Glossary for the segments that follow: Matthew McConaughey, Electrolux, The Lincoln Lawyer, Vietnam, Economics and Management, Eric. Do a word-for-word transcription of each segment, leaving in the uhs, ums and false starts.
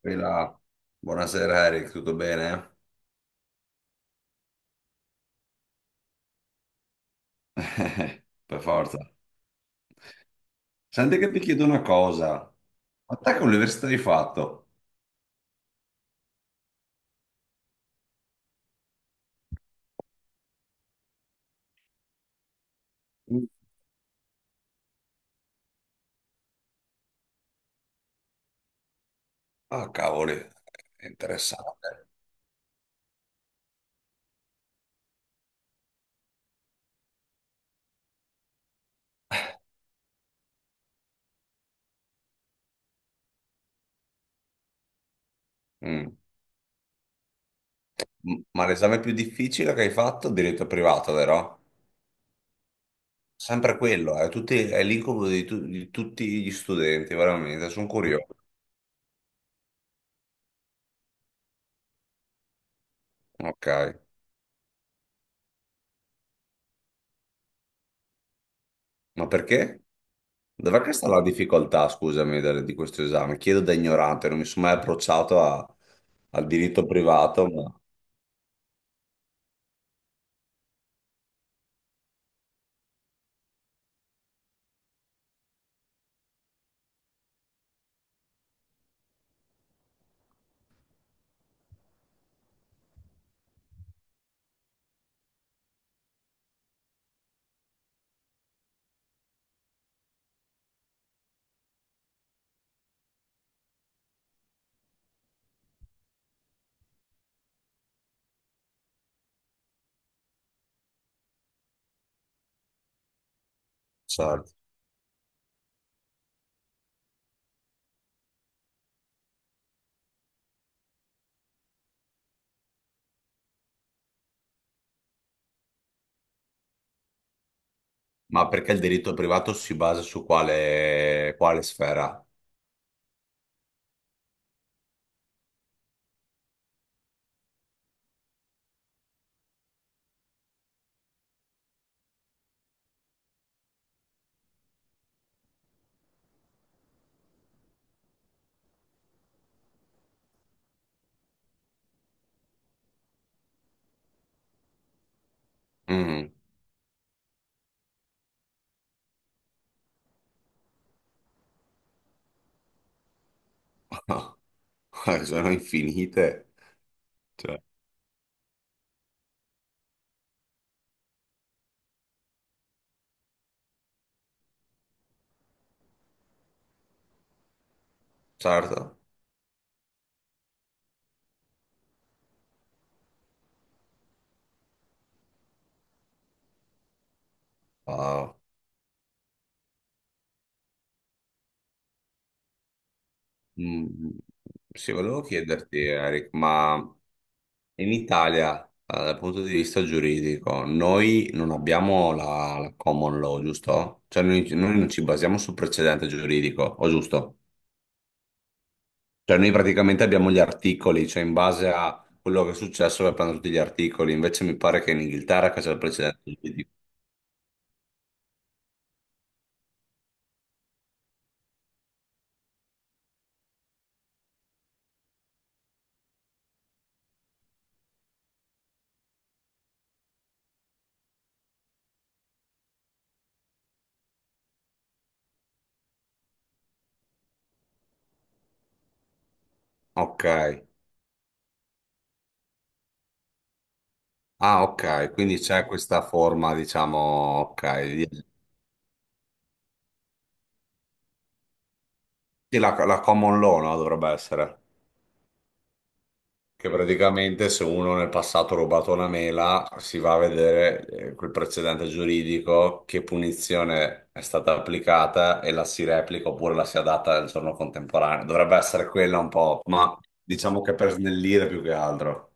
Quella- Buonasera Eric, tutto bene? Eh, per forza. Senti che ti chiedo una cosa. Ma te che università hai fatto? Mm. Ah, cavoli, è interessante. Mm. M- Ma l'esame più difficile che hai fatto è diritto privato, vero? Sempre quello, è, tutti, è l'incubo di, tu- di tutti gli studenti, veramente, sono curioso. Ok, ma perché? Dov'è che sta la difficoltà, scusami, del- di questo esame? Chiedo da ignorante, non mi sono mai approcciato a- al diritto privato. Certo. Ma perché il diritto privato si basa su quale, quale sfera? Mm. Sono infinite. Cioè, certo. Ah, mm. Sì, volevo chiederti, Eric, ma in Italia, eh, dal punto di vista giuridico, noi non abbiamo la, la common law, giusto? Cioè noi, noi non ci basiamo sul precedente giuridico, o giusto? Cioè noi praticamente abbiamo gli articoli, cioè in base a quello che è successo per prendere tutti gli articoli, invece mi pare che in Inghilterra che c'è il precedente del P D. Ok, ah ok, quindi c'è questa forma, diciamo, ok, di- sì, la, la common law, no? Dovrebbe essere. Che praticamente se uno nel passato ha rubato una mela, si va a vedere eh, quel precedente giuridico, che punizione è stata applicata e la si replica oppure la si adatta al giorno contemporaneo. Dovrebbe essere quella un po', ma diciamo che per snellire più che altro.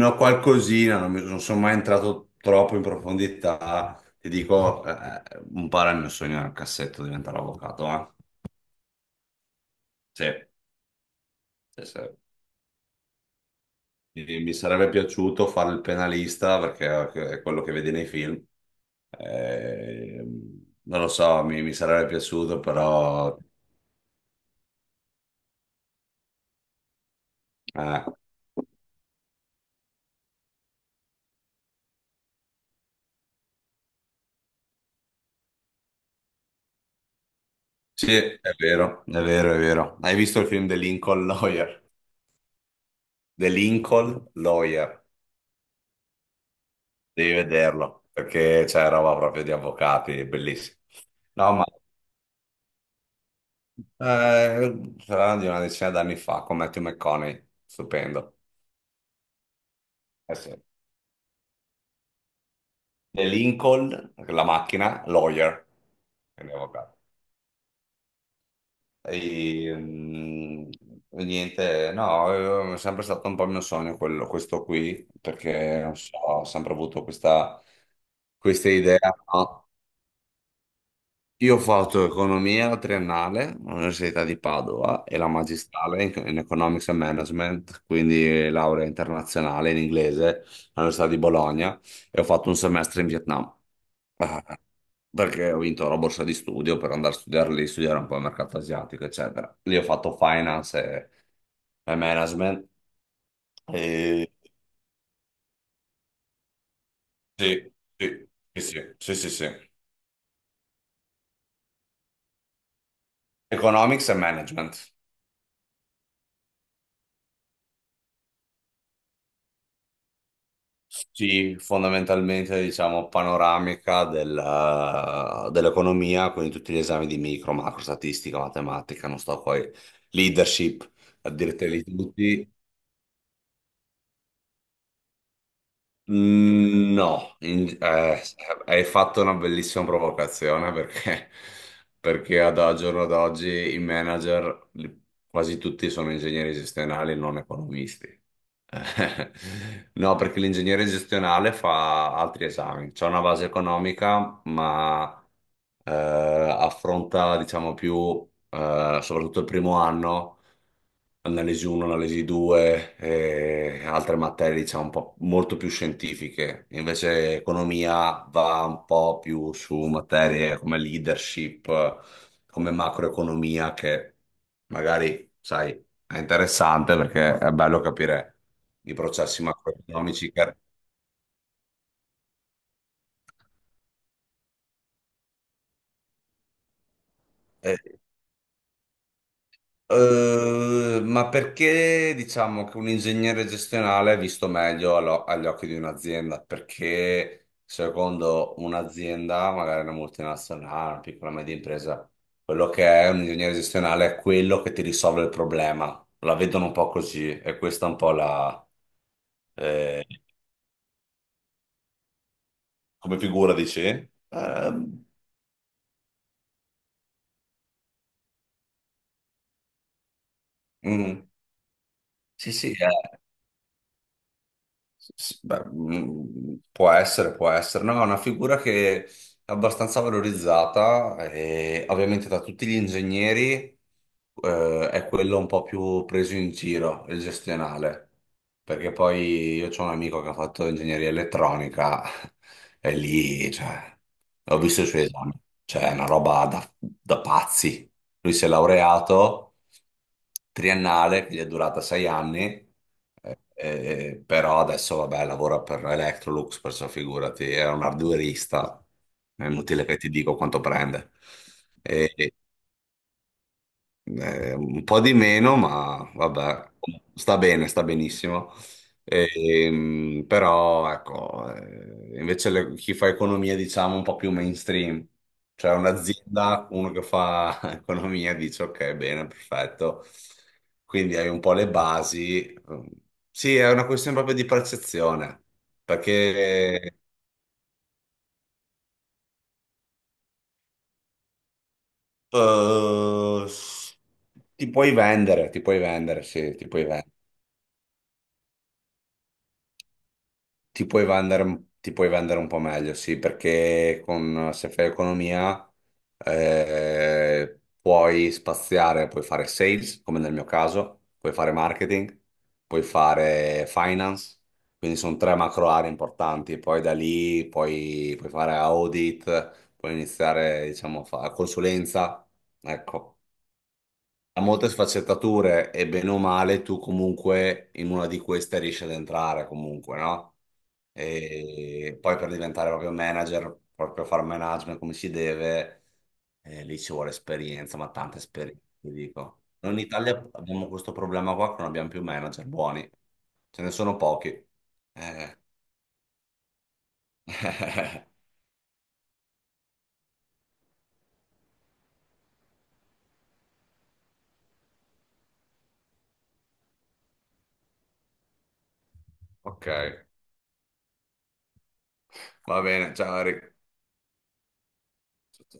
No, qualcosina, non, mi- non sono mai entrato troppo in profondità. Ti dico, eh, eh, un po' era il mio sogno nel cassetto diventare avvocato, eh? Sì, sì, sì. Mi mi sarebbe piaciuto fare il penalista perché è quello che vedi nei film. Ehm, non lo so, mi, mi sarebbe piaciuto, però... Eh, sì, è vero, è vero, è vero. Hai visto il film The Lincoln Lawyer? The Lincoln Lawyer, devi vederlo, perché c'è roba proprio di avvocati, è bellissimo. No, ma... Eh, sarà di una decina d'anni fa con Matthew McConaughey, stupendo. Eh sì. E Lincoln, la macchina, lawyer, quindi avvocato. E, mm, e niente, no, è sempre stato un po' il mio sogno quello- questo qui, perché non so, ho sempre avuto questa, questa idea. No? Io ho fatto economia triennale all'Università di Padova e la magistrale in, in Economics and Management, quindi laurea internazionale in inglese all'Università di Bologna e ho fatto un semestre in Vietnam. Perché ho vinto la borsa di studio per andare a studiare lì, studiare un po' il mercato asiatico, eccetera. Lì ho fatto finance e, e management. E... Sì, sì, sì, sì, sì, sì, sì. Economics e management. Sì, fondamentalmente diciamo panoramica della- dell'economia, quindi tutti gli esami di micro, macro, statistica, matematica, non sto poi, leadership, a dirteli tutti. Mm, no, In- eh, hai fatto una bellissima provocazione perché, perché ad al giorno d'oggi i manager li- quasi tutti sono ingegneri gestionali, non economisti. Eh, No, perché l'ingegnere gestionale fa altri esami. C'è una base economica, ma eh, affronta, diciamo, più eh, soprattutto il primo anno, analisi uno, analisi due e altre materie, diciamo, un po' molto più scientifiche. Invece economia va un po' più su materie come leadership, come macroeconomia, che magari, sai è interessante perché è bello capire i processi macroeconomici. che- eh, eh, ma perché diciamo che un ingegnere gestionale è visto meglio allo- agli occhi di un'azienda? Perché secondo un'azienda, magari una multinazionale, una piccola media impresa, quello che è un ingegnere gestionale è quello che ti risolve il problema. La vedono un po' così e questa è un po' la... eh, come figura, dici? Ehm, mm, sì, sì, eh. S- Beh, mm, può essere, può essere. No, è una figura che è abbastanza valorizzata e ovviamente da tutti gli ingegneri eh, è quello un po' più preso in giro, il gestionale. Perché poi io ho un amico che ha fatto ingegneria elettronica e lì, cioè, ho visto i suoi esami. Cioè, è una roba da, da pazzi. Lui si è laureato triennale, che gli è durata sei anni eh, però adesso, vabbè, lavora per Electrolux, perciò figurati, era un arduerista, è inutile che ti dico quanto prende. E, eh, un po' di meno, ma vabbè, sta bene, sta benissimo. Ehm, però ecco, eh, invece le- chi fa economia, diciamo, un po' più mainstream, cioè un'azienda, uno che fa economia dice ok, bene, perfetto. Quindi hai un po' le basi. Sì, è una questione proprio di percezione, perché eh, ti puoi vendere, ti puoi vendere, sì, ti puoi vendere. Ti puoi vendere, un- ti puoi vendere un po' meglio, sì, perché con- se fai economia eh, puoi spaziare, puoi fare sales, come nel mio caso, puoi fare marketing, puoi fare finance, quindi sono tre macro aree importanti, poi da lì puoi, puoi fare audit, puoi iniziare, diciamo, a fare consulenza, ecco ha molte sfaccettature e bene o male tu comunque in una di queste riesci ad entrare comunque, no? E poi per diventare proprio manager, proprio fare management come si deve, eh, lì ci vuole esperienza, ma tanta esperienza, ti dico. Noi in Italia abbiamo questo problema qua che non abbiamo più manager buoni, ce ne sono pochi. Eh. Ok. Va bene, ciao Eric.